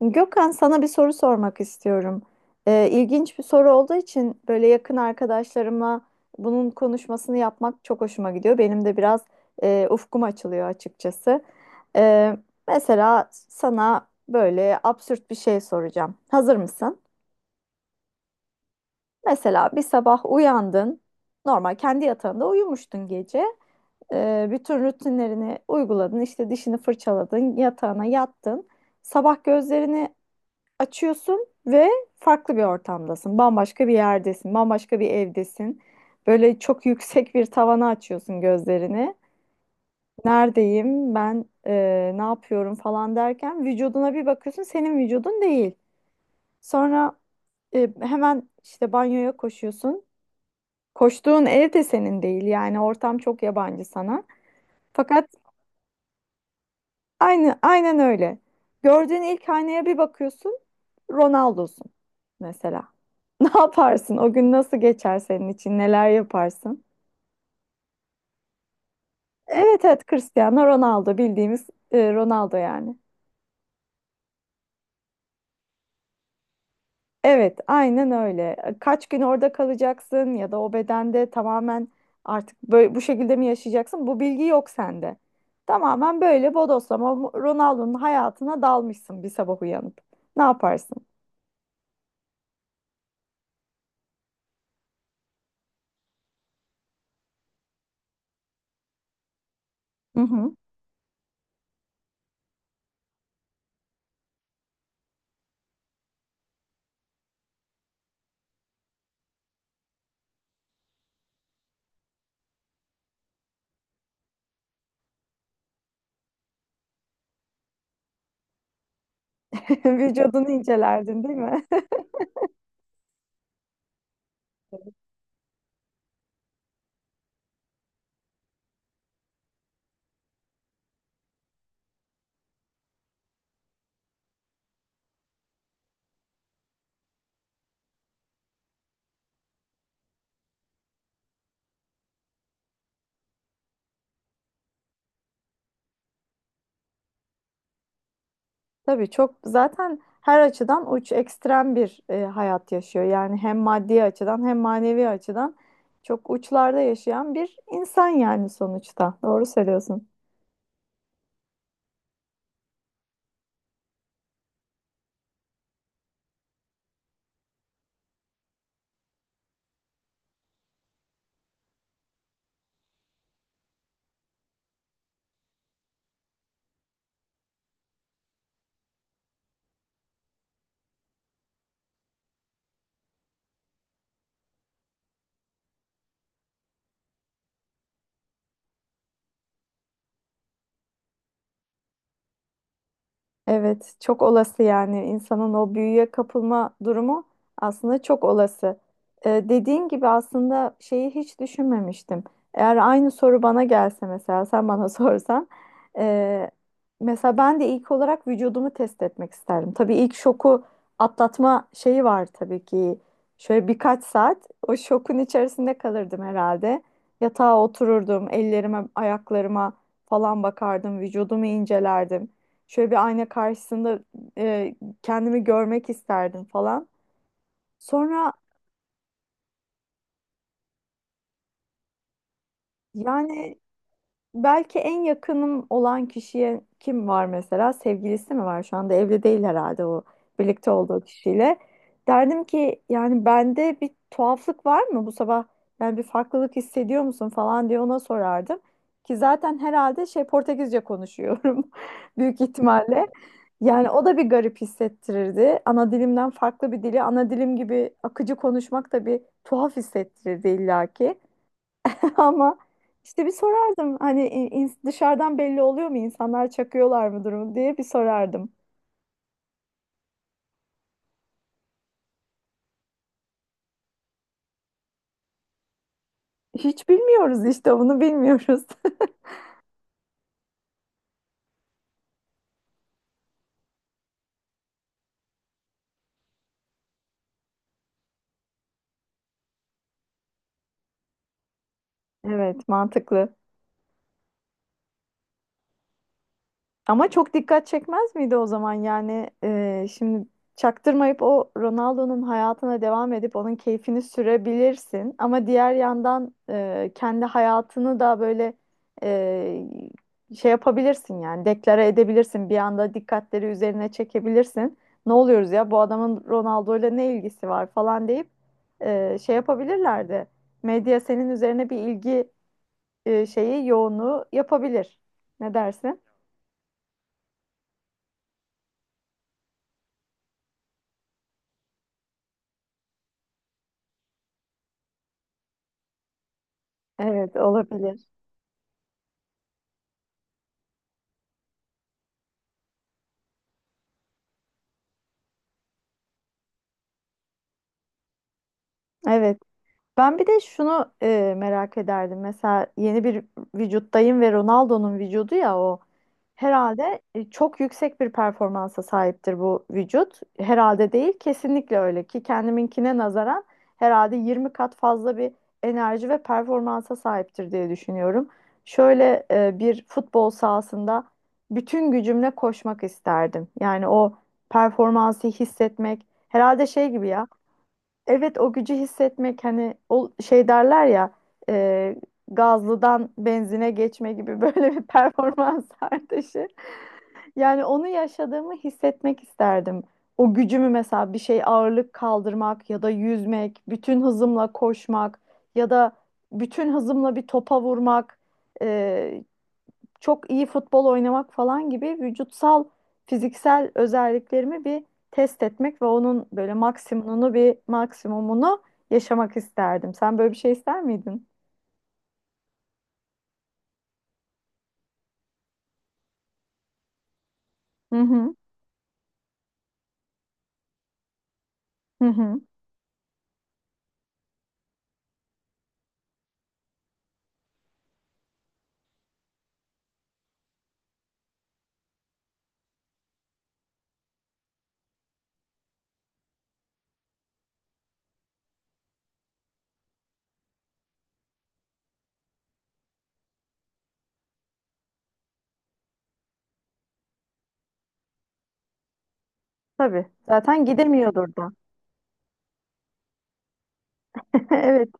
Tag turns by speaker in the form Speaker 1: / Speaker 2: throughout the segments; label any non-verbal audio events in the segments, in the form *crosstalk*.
Speaker 1: Gökhan, sana bir soru sormak istiyorum. İlginç bir soru olduğu için böyle yakın arkadaşlarıma bunun konuşmasını yapmak çok hoşuma gidiyor. Benim de biraz ufkum açılıyor açıkçası. Ee, mesela sana böyle absürt bir şey soracağım. Hazır mısın? Mesela bir sabah uyandın, normal kendi yatağında uyumuştun gece. Bütün rutinlerini uyguladın, işte dişini fırçaladın, yatağına yattın. Sabah gözlerini açıyorsun ve farklı bir ortamdasın. Bambaşka bir yerdesin, bambaşka bir evdesin. Böyle çok *laughs* yüksek bir tavana açıyorsun gözlerini. Neredeyim ben, ne yapıyorum falan derken vücuduna bir bakıyorsun, senin vücudun değil. Sonra hemen işte banyoya koşuyorsun. Koştuğun ev de senin değil, yani ortam çok yabancı sana. Fakat aynı, aynen öyle. Gördüğün ilk aynaya bir bakıyorsun, Ronaldo'sun mesela. *laughs* Ne yaparsın? O gün nasıl geçer senin için? Neler yaparsın? Evet evet, Cristiano Ronaldo, bildiğimiz Ronaldo yani. Evet aynen öyle. E, kaç gün orada kalacaksın ya da o bedende tamamen artık böyle bu şekilde mi yaşayacaksın? Bu bilgi yok sende. Tamamen böyle bodoslama Ronaldo'nun hayatına dalmışsın bir sabah uyanıp. Ne yaparsın? Mhm. *laughs* Vücudunu incelerdin değil mi? *laughs* Tabii çok zaten her açıdan uç, ekstrem bir hayat yaşıyor. Yani hem maddi açıdan hem manevi açıdan çok uçlarda yaşayan bir insan yani sonuçta. Doğru söylüyorsun. Evet, çok olası yani insanın o büyüye kapılma durumu aslında çok olası. Dediğin gibi aslında şeyi hiç düşünmemiştim. Eğer aynı soru bana gelse mesela sen bana *laughs* sorsan, e, mesela ben de ilk olarak vücudumu test etmek isterdim. Tabii ilk şoku atlatma şeyi var tabii ki. Şöyle birkaç saat o şokun içerisinde kalırdım herhalde. Yatağa otururdum, ellerime, ayaklarıma falan bakardım, vücudumu incelerdim. Şöyle bir ayna karşısında e, kendimi görmek isterdim falan. Sonra yani belki en yakınım olan kişiye, kim var mesela? Sevgilisi mi var? Şu anda evli değil herhalde o birlikte olduğu kişiyle. Derdim ki yani bende bir tuhaflık var mı bu sabah? Yani bir farklılık hissediyor musun falan diye ona sorardım. Ki zaten herhalde şey, Portekizce konuşuyorum *laughs* büyük ihtimalle. Yani o da bir garip hissettirirdi. Ana dilimden farklı bir dili, ana dilim gibi akıcı konuşmak da bir tuhaf hissettirirdi illaki. *laughs* Ama işte bir sorardım hani dışarıdan belli oluyor mu, insanlar çakıyorlar mı durumu diye bir sorardım. Hiç bilmiyoruz, işte bunu bilmiyoruz. *laughs* Evet, mantıklı. Ama çok dikkat çekmez miydi o zaman yani, şimdi çaktırmayıp o Ronaldo'nun hayatına devam edip onun keyfini sürebilirsin ama diğer yandan kendi hayatını da böyle e, şey yapabilirsin yani deklare edebilirsin, bir anda dikkatleri üzerine çekebilirsin. Ne oluyoruz ya, bu adamın Ronaldo'yla ne ilgisi var falan deyip şey yapabilirlerdi. Medya senin üzerine bir ilgi şeyi, yoğunluğu yapabilir. Ne dersin? Evet, olabilir. Evet. Ben bir de şunu merak ederdim. Mesela yeni bir vücuttayım ve Ronaldo'nun vücudu ya o. Herhalde çok yüksek bir performansa sahiptir bu vücut. Herhalde değil, kesinlikle öyle ki kendiminkine nazaran herhalde 20 kat fazla bir enerji ve performansa sahiptir diye düşünüyorum. Şöyle bir futbol sahasında bütün gücümle koşmak isterdim. Yani o performansı hissetmek herhalde şey gibi ya. Evet, o gücü hissetmek, hani o şey derler ya, e, gazlıdan benzine geçme gibi *laughs* böyle bir performans artışı. Yani onu yaşadığımı hissetmek isterdim. O gücümü mesela bir şey, ağırlık kaldırmak ya da yüzmek, bütün hızımla koşmak ya da bütün hızımla bir topa vurmak. e, Çok iyi futbol oynamak falan gibi vücutsal, fiziksel özelliklerimi bir test etmek ve onun böyle maksimumunu, bir maksimumunu yaşamak isterdim. Sen böyle bir şey ister miydin? Hı hı. Hı hı. Tabii. Zaten gidemiyordur da. *laughs* Evet.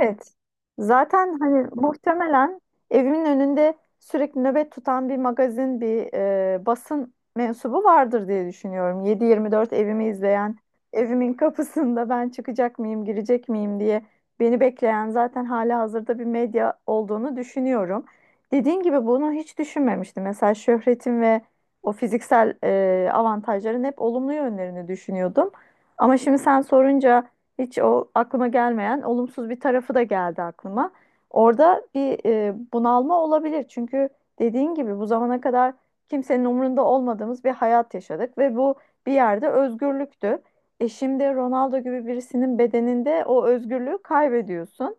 Speaker 1: Evet. Zaten hani muhtemelen evimin önünde sürekli nöbet tutan bir magazin, bir basın mensubu vardır diye düşünüyorum. 7/24 evimi izleyen, evimin kapısında ben çıkacak mıyım, girecek miyim diye beni bekleyen zaten hala hazırda bir medya olduğunu düşünüyorum. Dediğin gibi bunu hiç düşünmemiştim. Mesela şöhretim ve o fiziksel avantajların hep olumlu yönlerini düşünüyordum. Ama şimdi sen sorunca hiç o aklıma gelmeyen olumsuz bir tarafı da geldi aklıma. Orada bir bunalma olabilir. Çünkü dediğin gibi bu zamana kadar kimsenin umurunda olmadığımız bir hayat yaşadık ve bu bir yerde özgürlüktü. E şimdi Ronaldo gibi birisinin bedeninde o özgürlüğü kaybediyorsun.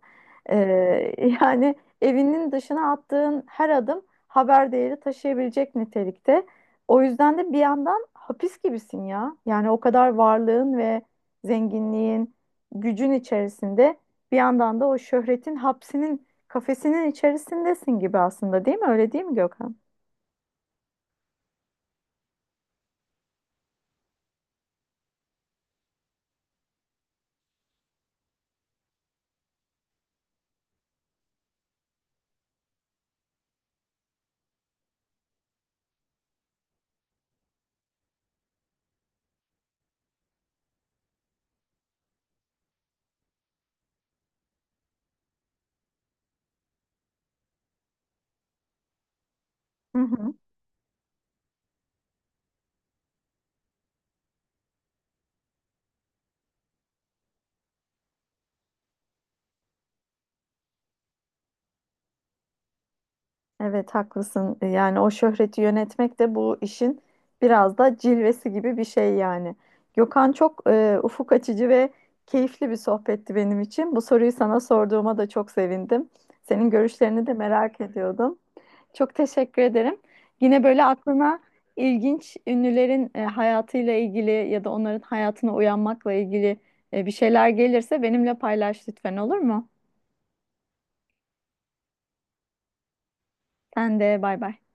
Speaker 1: E, *laughs* yani evinin dışına attığın her adım haber değeri taşıyabilecek nitelikte. O yüzden de bir yandan hapis gibisin ya. Yani o kadar varlığın ve zenginliğin, gücün içerisinde bir yandan da o şöhretin hapsinin, kafesinin içerisindesin gibi aslında, değil mi? Öyle değil mi Gökhan? Hı hı. Evet, haklısın. Yani o şöhreti yönetmek de bu işin biraz da cilvesi gibi bir şey yani. Gökhan, çok ufuk açıcı ve keyifli bir sohbetti benim için. Bu soruyu sana sorduğuma da çok sevindim. Senin görüşlerini de merak ediyordum. Çok teşekkür ederim. Yine böyle aklına ilginç ünlülerin hayatıyla ilgili ya da onların hayatına uyanmakla ilgili bir şeyler gelirse benimle paylaş lütfen, olur mu? Sen de, bay bay.